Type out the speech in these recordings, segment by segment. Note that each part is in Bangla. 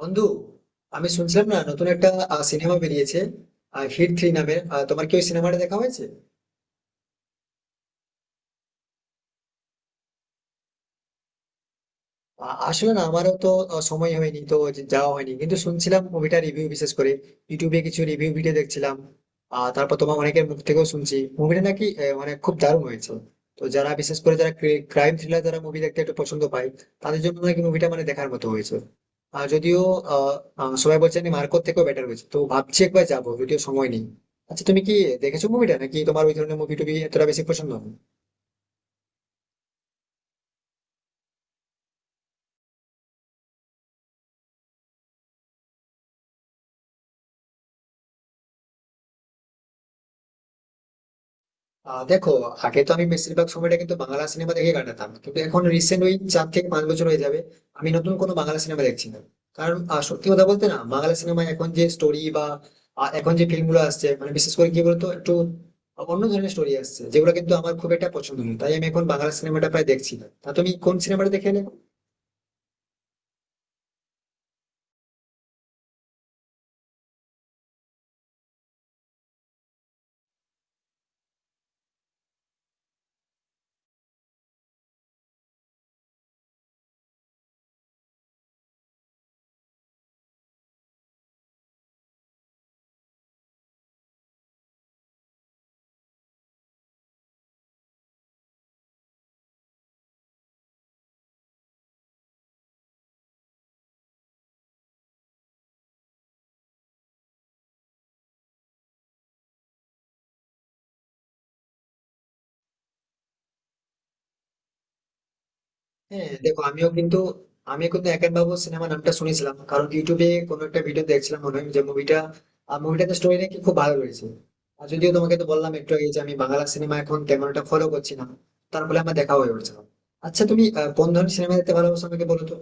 বন্ধু, আমি শুনছিলাম না নতুন একটা সিনেমা বেরিয়েছে, হিট থ্রি নামে। তোমার কি ওই সিনেমাটা দেখা হয়েছে? আসলে না, আমারও তো সময় হয়নি তো যাওয়া হয়নি, কিন্তু শুনছিলাম মুভিটা রিভিউ, বিশেষ করে ইউটিউবে কিছু রিভিউ ভিডিও দেখছিলাম। আর তারপর তোমার অনেকের মুখ থেকেও শুনছি মুভিটা নাকি মানে খুব দারুণ হয়েছে। তো যারা বিশেষ করে যারা ক্রাইম থ্রিলার যারা মুভি দেখতে একটু পছন্দ পায়, তাদের জন্য নাকি মুভিটা মানে দেখার মতো হয়েছে। আর যদিও আহ আহ, সবাই বলছে মার্কোর থেকেও বেটার হয়েছে, তো ভাবছি একবার যাবো, যদিও সময় নেই। আচ্ছা, তুমি কি দেখেছো মুভিটা, নাকি তোমার ওই ধরনের মুভি টুভি এতটা বেশি পছন্দ না? দেখো, আগে তো আমি বেশিরভাগ সময়টা কিন্তু বাংলা সিনেমা দেখে কাটাতাম, কিন্তু এখন রিসেন্ট ওই 4 থেকে 5 বছর হয়ে যাবে আমি নতুন কোনো বাংলা সিনেমা দেখছি না। কারণ সত্যি কথা বলতে না, বাংলা সিনেমায় এখন যে স্টোরি বা এখন যে ফিল্মগুলো আসছে, মানে বিশেষ করে কি বলতো, একটু অন্য ধরনের স্টোরি আসছে যেগুলো কিন্তু আমার খুব একটা পছন্দ নয়, তাই আমি এখন বাংলা সিনেমাটা প্রায় দেখছি না। তা তুমি কোন সিনেমাটা দেখে এলে? হ্যাঁ দেখো, আমি কিন্তু একেন বাবু সিনেমা নামটা শুনেছিলাম, কারণ ইউটিউবে কোনো একটা ভিডিও দেখছিলাম, মনে হয় যে মুভিটাতে স্টোরি নাকি খুব ভালো রয়েছে। আর যদিও তোমাকে তো বললাম একটু আগে যে আমি বাংলা সিনেমা এখন তেমন একটা ফলো করছি না, তার ফলে আমার দেখা হয়ে উঠছে না। আচ্ছা তুমি কোন ধরনের সিনেমা দেখতে ভালোবাসো, আমাকে বলো তো।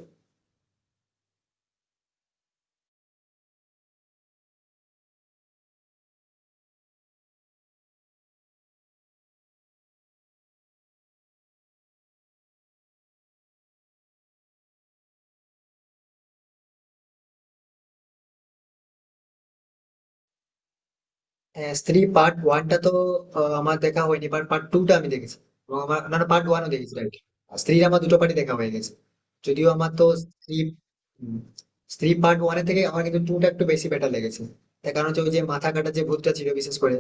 হ্যাঁ, স্ত্রী পার্ট ওয়ানটা তো আমার দেখা হয়নি, বাট পার্ট টুটা আমি দেখেছি। এবং আমার না পার্ট ওয়ানও দেখেছি, রাইট। স্ত্রী আমার দুটো পার্টি দেখা হয়ে গেছে। যদিও আমার তো উম, স্ত্রী পার্ট ওয়ানের থেকে আমার কিন্তু টুটা একটু বেশি বেটার লেগেছে। তার কারণ হচ্ছে ওই যে মাথা কাটা যে ভূতটা ছিল বিশেষ করে।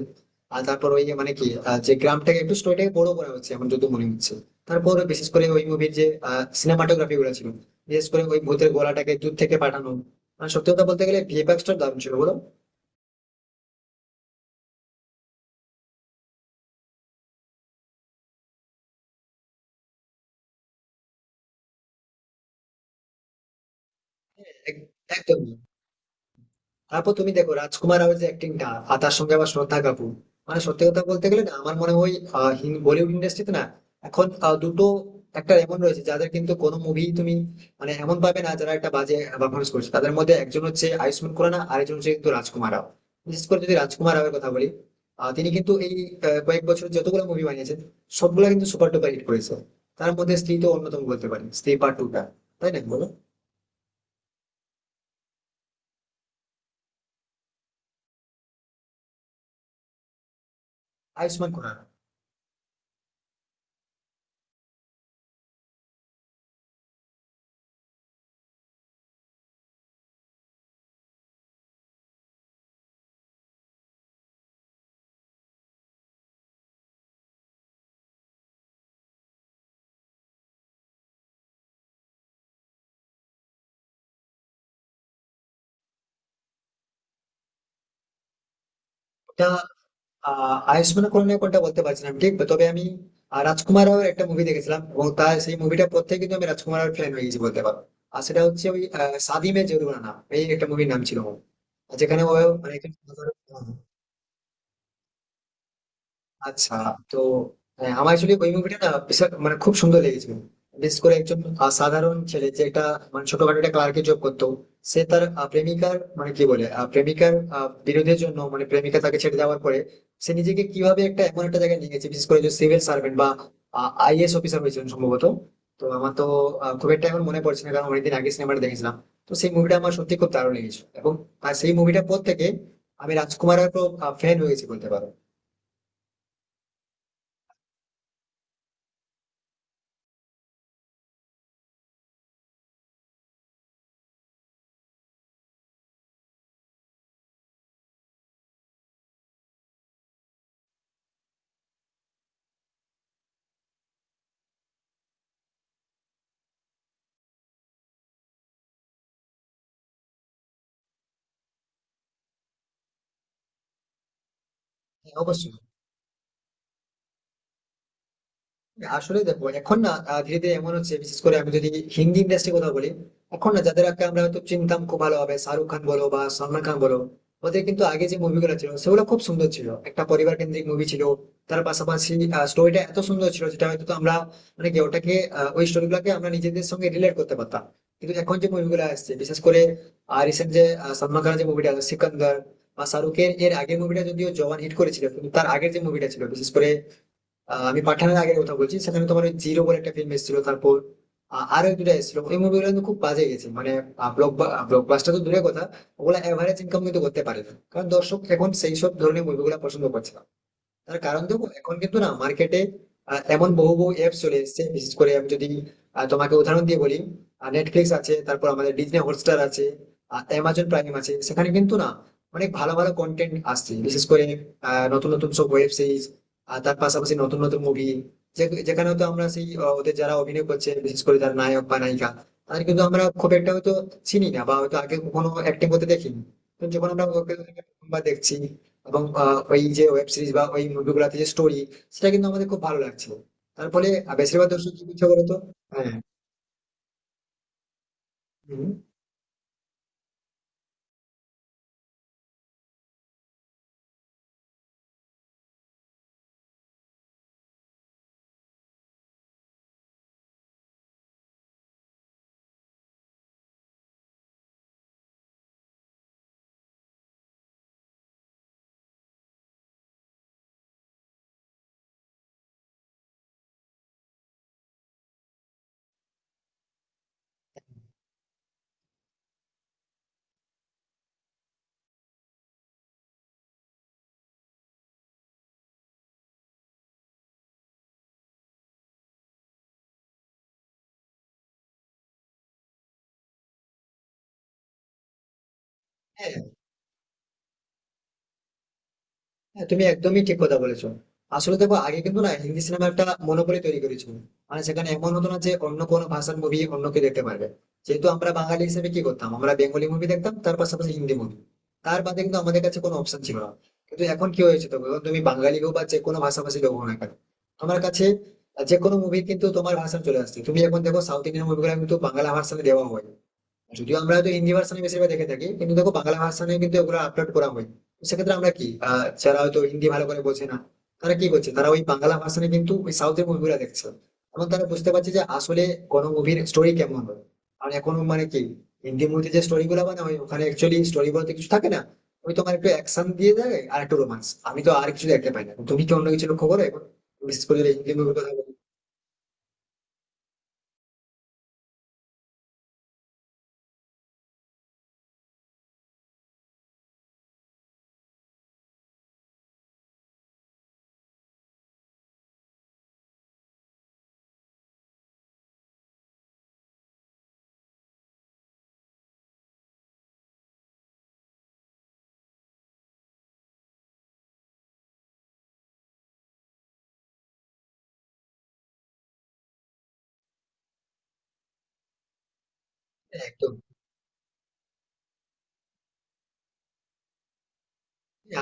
আর তারপর ওই যে মানে কি যে গ্রামটাকে একটু স্টোরিটাকে বড় করা হচ্ছে আমার যত মনে হচ্ছে। তারপর বিশেষ করে ওই মুভির যে সিনেমাটোগ্রাফি গুলো ছিল, বিশেষ করে ওই ভূতের গলাটাকে দূর থেকে পাঠানো, মানে সত্যি কথা বলতে গেলে ভিএফএক্স টা দারুণ ছিল, বলো? হ্যাঁ, একদমই। তারপর তুমি দেখো রাজকুমার রাওয়ের যে অ্যাক্টিংটা, আর তার সঙ্গে আবার শ্রদ্ধা কাপুর। মানে সত্যি কথা বলতে গেলে না, আমার মনে হয় বলিউড ইন্ডাস্ট্রিতে না এখন দুটো একটা এমন রয়েছে যাদের কিন্তু কোনো মুভি তুমি মানে এমন পাবে না যারা একটা বাজে পারফরমেন্স করছে। তাদের মধ্যে একজন হচ্ছে আয়ুষ্মান খুরানা, আর একজন হচ্ছে কিন্তু রাজকুমার রাও। বিশেষ করে যদি রাজকুমার রাওয়ের কথা বলি, তিনি কিন্তু এই কয়েক বছর যতগুলো মুভি বানিয়েছেন সবগুলা কিন্তু সুপার ডুপার হিট করেছে। তার মধ্যে স্ত্রী তো অন্যতম বলতে পারি, স্ত্রী পার্ট টু টা, তাই না বলো? আয়ুষ্মান খুরানা। এটা আয়ুষ্মান খুরানা কোনটা বলতে পারছি না আমি ঠিক, তবে আমি রাজকুমার রাওয়ের একটা মুভি দেখেছিলাম, এবং তার সেই মুভিটা পর থেকে কিন্তু আমি রাজকুমার রাওয়ের ফ্যান হয়ে গেছি বলতে পারো। আর সেটা হচ্ছে ওই শাদি মে জরুরানা, এই একটা মুভির নাম ছিল ওর। যেখানে ও মানে আচ্ছা। তো হ্যাঁ, আমার অ্যাকচুয়ালি ওই মুভিটা না বিশাল মানে খুব সুন্দর লেগেছিল। বিশেষ করে একজন সাধারণ ছেলে যে একটা মানে ছোটখাটো একটা ক্লার্কে জব করতো। সে তার প্রেমিকার মানে কি বলে প্রেমিকার বিরোধের জন্য, মানে প্রেমিকা তাকে ছেড়ে দেওয়ার পরে সে নিজেকে কিভাবে একটা এমন একটা জায়গায় নিয়ে গেছে, বিশেষ করে যে সিভিল সার্ভেন্ট বা আইএএস অফিসার হয়েছিলেন সম্ভবত। তো আমার তো খুব একটা এখন মনে পড়ছে না, কারণ অনেকদিন আগে সিনেমাটা দেখেছিলাম। তো সেই মুভিটা আমার সত্যি খুব দারুণ লেগেছিল, এবং আর সেই মুভিটার পর থেকে আমি রাজকুমারের ফ্যান হয়ে গেছি বলতে পারো। হ্যাঁ, অবশ্যই। আসলে দেখো এখন না ধীরে ধীরে এমন হচ্ছে, বিশেষ করে আমি যদি হিন্দি ইন্ডাস্ট্রি কথা বলি। এখন না যাদেরকে আমরা হয়তো চিনতাম খুব ভালোভাবে, শাহরুখ খান বলো বা সালমান খান বলো, ওদের কিন্তু আগে যে মুভিগুলো ছিল সেগুলো খুব সুন্দর ছিল, একটা পরিবার কেন্দ্রিক মুভি ছিল। তার পাশাপাশি স্টোরিটা এত সুন্দর ছিল যেটা হয়তো তো আমরা মানে কি ওটাকে, ওই স্টোরি গুলাকে আমরা নিজেদের সঙ্গে রিলেট করতে পারতাম। কিন্তু এখন যে মুভিগুলো আসছে বিশেষ করে রিসেন্ট, যে সালমান খানের যে মুভিটা সিকান্দার, বা শাহরুখের এর আগের মুভিটা, যদিও জওয়ান হিট করেছিল কিন্তু তার আগের যে মুভিটা ছিল, বিশেষ করে আমি পাঠানের আগের কথা বলছি, সেখানে তোমার ওই জিরো বলে একটা ফিল্ম এসেছিল, তারপর আরো এক দুটা এসেছিল, ওই মুভিগুলো কিন্তু খুব বাজে গেছে, মানে ব্লকবাস্টার তো দূরের কথা, ওগুলা এভারেজ ইনকাম কিন্তু করতে পারে না, কারণ দর্শক এখন সেই সব ধরনের মুভিগুলো পছন্দ করছে না। তার কারণ দেখো এখন কিন্তু না মার্কেটে এমন বহু বহু অ্যাপ চলে এসেছে, বিশেষ করে আমি যদি তোমাকে উদাহরণ দিয়ে বলি। নেটফ্লিক্স আছে, তারপর আমাদের ডিজনি হটস্টার আছে, অ্যামাজন প্রাইম আছে, সেখানে কিন্তু না অনেক ভালো ভালো কন্টেন্ট আসছে, বিশেষ করে নতুন নতুন সব ওয়েব সিরিজ, আর তার পাশাপাশি নতুন নতুন মুভি। যেখানে হয়তো আমরা সেই ওদের যারা অভিনয় করছে, বিশেষ করে যারা নায়ক বা নায়িকা, তাদের কিন্তু আমরা খুব একটা হয়তো চিনি না, বা হয়তো আগে কখনো অ্যাক্টিং করতে দেখিনি। তো যখন আমরা ওকে প্রথমবার দেখছি, এবং ওই যে ওয়েব সিরিজ বা ওই মুভিগুলোতে যে স্টোরি, সেটা কিন্তু আমাদের খুব ভালো লাগছে। তার ফলে বেশিরভাগ দর্শক কি করছে বলতো? হ্যাঁ। হুম, হ্যাঁ। হ্যাঁ, তুমি একদমই ঠিক কথা বলেছো। আসলে দেখো আগে কিন্তু না হিন্দি সিনেমা একটা মনোপলি তৈরি করেছিল। মানে সেখানে এমন হতো না যে অন্য কোনো ভাষার মুভি অন্য কেউ দেখতে পারবে। যেহেতু আমরা বাঙালি হিসেবে কি করতাম, আমরা বেঙ্গলি মুভি দেখতাম, তার পাশাপাশি হিন্দি মুভি। তার বাদে কিন্তু আমাদের কাছে কোনো অপশন ছিল না। কিন্তু এখন কি হয়েছে, তবে তুমি বাঙালি হোক বা যে কোনো ভাষাভাষী লোক হও না কেন, তোমার কাছে যে কোনো মুভি কিন্তু তোমার ভাষা চলে আসছে। তুমি এখন দেখো সাউথ ইন্ডিয়ান মুভিগুলো কিন্তু বাংলা ভাষাতে দেওয়া হয়। যদিও আমরা হয়তো হিন্দি ভার্সানে বেশিরভাগ দেখে থাকি, কিন্তু দেখো বাংলা ভার্সানে কিন্তু এগুলো আপলোড করা হয়। তো সেক্ষেত্রে আমরা কি, যারা হয়তো হিন্দি ভালো করে বোঝে না, তারা কি করছে, তারা ওই বাংলা ভার্সানে কিন্তু ওই সাউথের মুভিগুলো দেখছে। এবং তারা বুঝতে পারছে যে আসলে কোনো মুভির স্টোরি কেমন হয়। আর এখন মানে কি, হিন্দি মুভিতে যে স্টোরি গুলো বানা হয় ওখানে অ্যাকচুয়ালি স্টোরি বলতে কিছু থাকে না। ওই তোমার একটু অ্যাকশন দিয়ে দেয় আর একটু রোমান্স, আমি তো আর কিছু দেখতে পাই না। তুমি কি অন্য কিছু লক্ষ্য করো এখন, বিশেষ করে যদি হিন্দি মুভির কথা বলি? হ্যাঁ, একদম।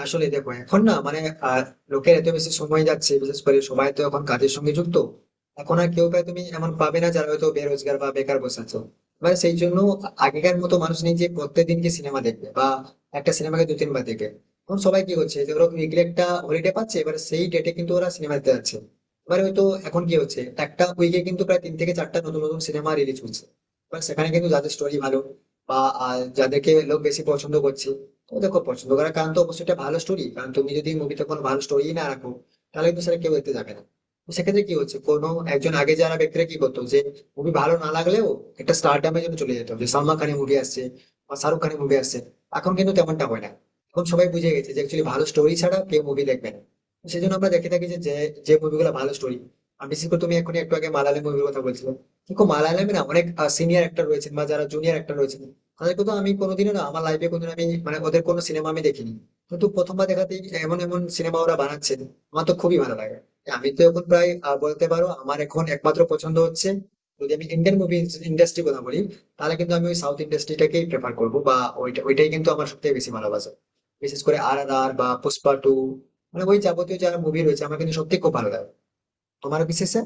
আসলে দেখো এখন না মানে আহ, লোকের এত বেশি সময় যাচ্ছে, বিশেষ করে সবাই তো এখন কাজের সঙ্গে যুক্ত। এখন আর কেউ প্রায় তুমি এমন পাবে না যারা হয়তো বেরোজগার বা বেকার বসে আছে। মানে সেই জন্য আগেকার মতো মানুষ নেই যে প্রত্যেকদিন কি সিনেমা দেখবে বা একটা সিনেমাকে দু তিনবার দেখবে। এখন সবাই কি হচ্ছে যে ওরা উইকলি একটা হলিডে পাচ্ছে, এবার সেই ডেটে কিন্তু ওরা সিনেমা দেখতে যাচ্ছে। এবার হয়তো এখন কি হচ্ছে একটা উইকে কিন্তু প্রায় 3 থেকে 4টা নতুন নতুন সিনেমা রিলিজ হচ্ছে। এবার সেখানে কিন্তু যাদের স্টোরি ভালো, বা যাদেরকে লোক বেশি পছন্দ করছে। তো দেখো পছন্দ করার কারণ তো অবশ্যই একটা ভালো স্টোরি, কারণ তুমি যদি মুভিতে কোনো ভালো স্টোরি না রাখো, তাহলে কিন্তু সেটা কেউ দেখতে যাবে না। তো সেক্ষেত্রে কি হচ্ছে, কোনো একজন, আগে যারা ব্যক্তিরা কি করতো, যে মুভি ভালো না লাগলেও একটা স্টারডামের জন্য চলে যেত যে সালমান খানের মুভি আসছে বা শাহরুখ খানের মুভি আসছে। এখন কিন্তু তেমনটা হয় না। এখন সবাই বুঝে গেছে যে অ্যাকচুয়ালি ভালো স্টোরি ছাড়া কেউ মুভি দেখবে না। তো সেই জন্য আমরা দেখে থাকি যে যে মুভিগুলো ভালো স্টোরি। আর বিশেষ করে তুমি এখন একটু আগে মালায়ালাম মুভির কথা বলছিলে, দেখো মালায়ালামে না অনেক সিনিয়র অ্যাক্টর রয়েছেন, বা যারা জুনিয়র অ্যাক্টর রয়েছেন। আর দেখো তো আমি কোনোদিনও না, আমার লাইফে কোনোদিন আমি মানে ওদের কোনো সিনেমা আমি দেখিনি। কিন্তু প্রথমবার দেখাতেই এমন এমন সিনেমা ওরা বানাচ্ছে, আমার তো খুবই ভালো লাগে। আমি তো এখন প্রায় বলতে পারো আমার এখন একমাত্র পছন্দ হচ্ছে, যদি আমি ইন্ডিয়ান মুভি ইন্ডাস্ট্রি কথা বলি, তাহলে কিন্তু আমি ওই সাউথ ইন্ডাস্ট্রিটাকেই প্রেফার করবো, বা ওইটাই কিন্তু আমার সবথেকে বেশি ভালোবাসা। বিশেষ করে আর আর আর বা পুষ্পা টু, মানে ওই যাবতীয় যারা মুভি রয়েছে আমার কিন্তু সত্যি খুব ভালো লাগে তোমার বিশেষে।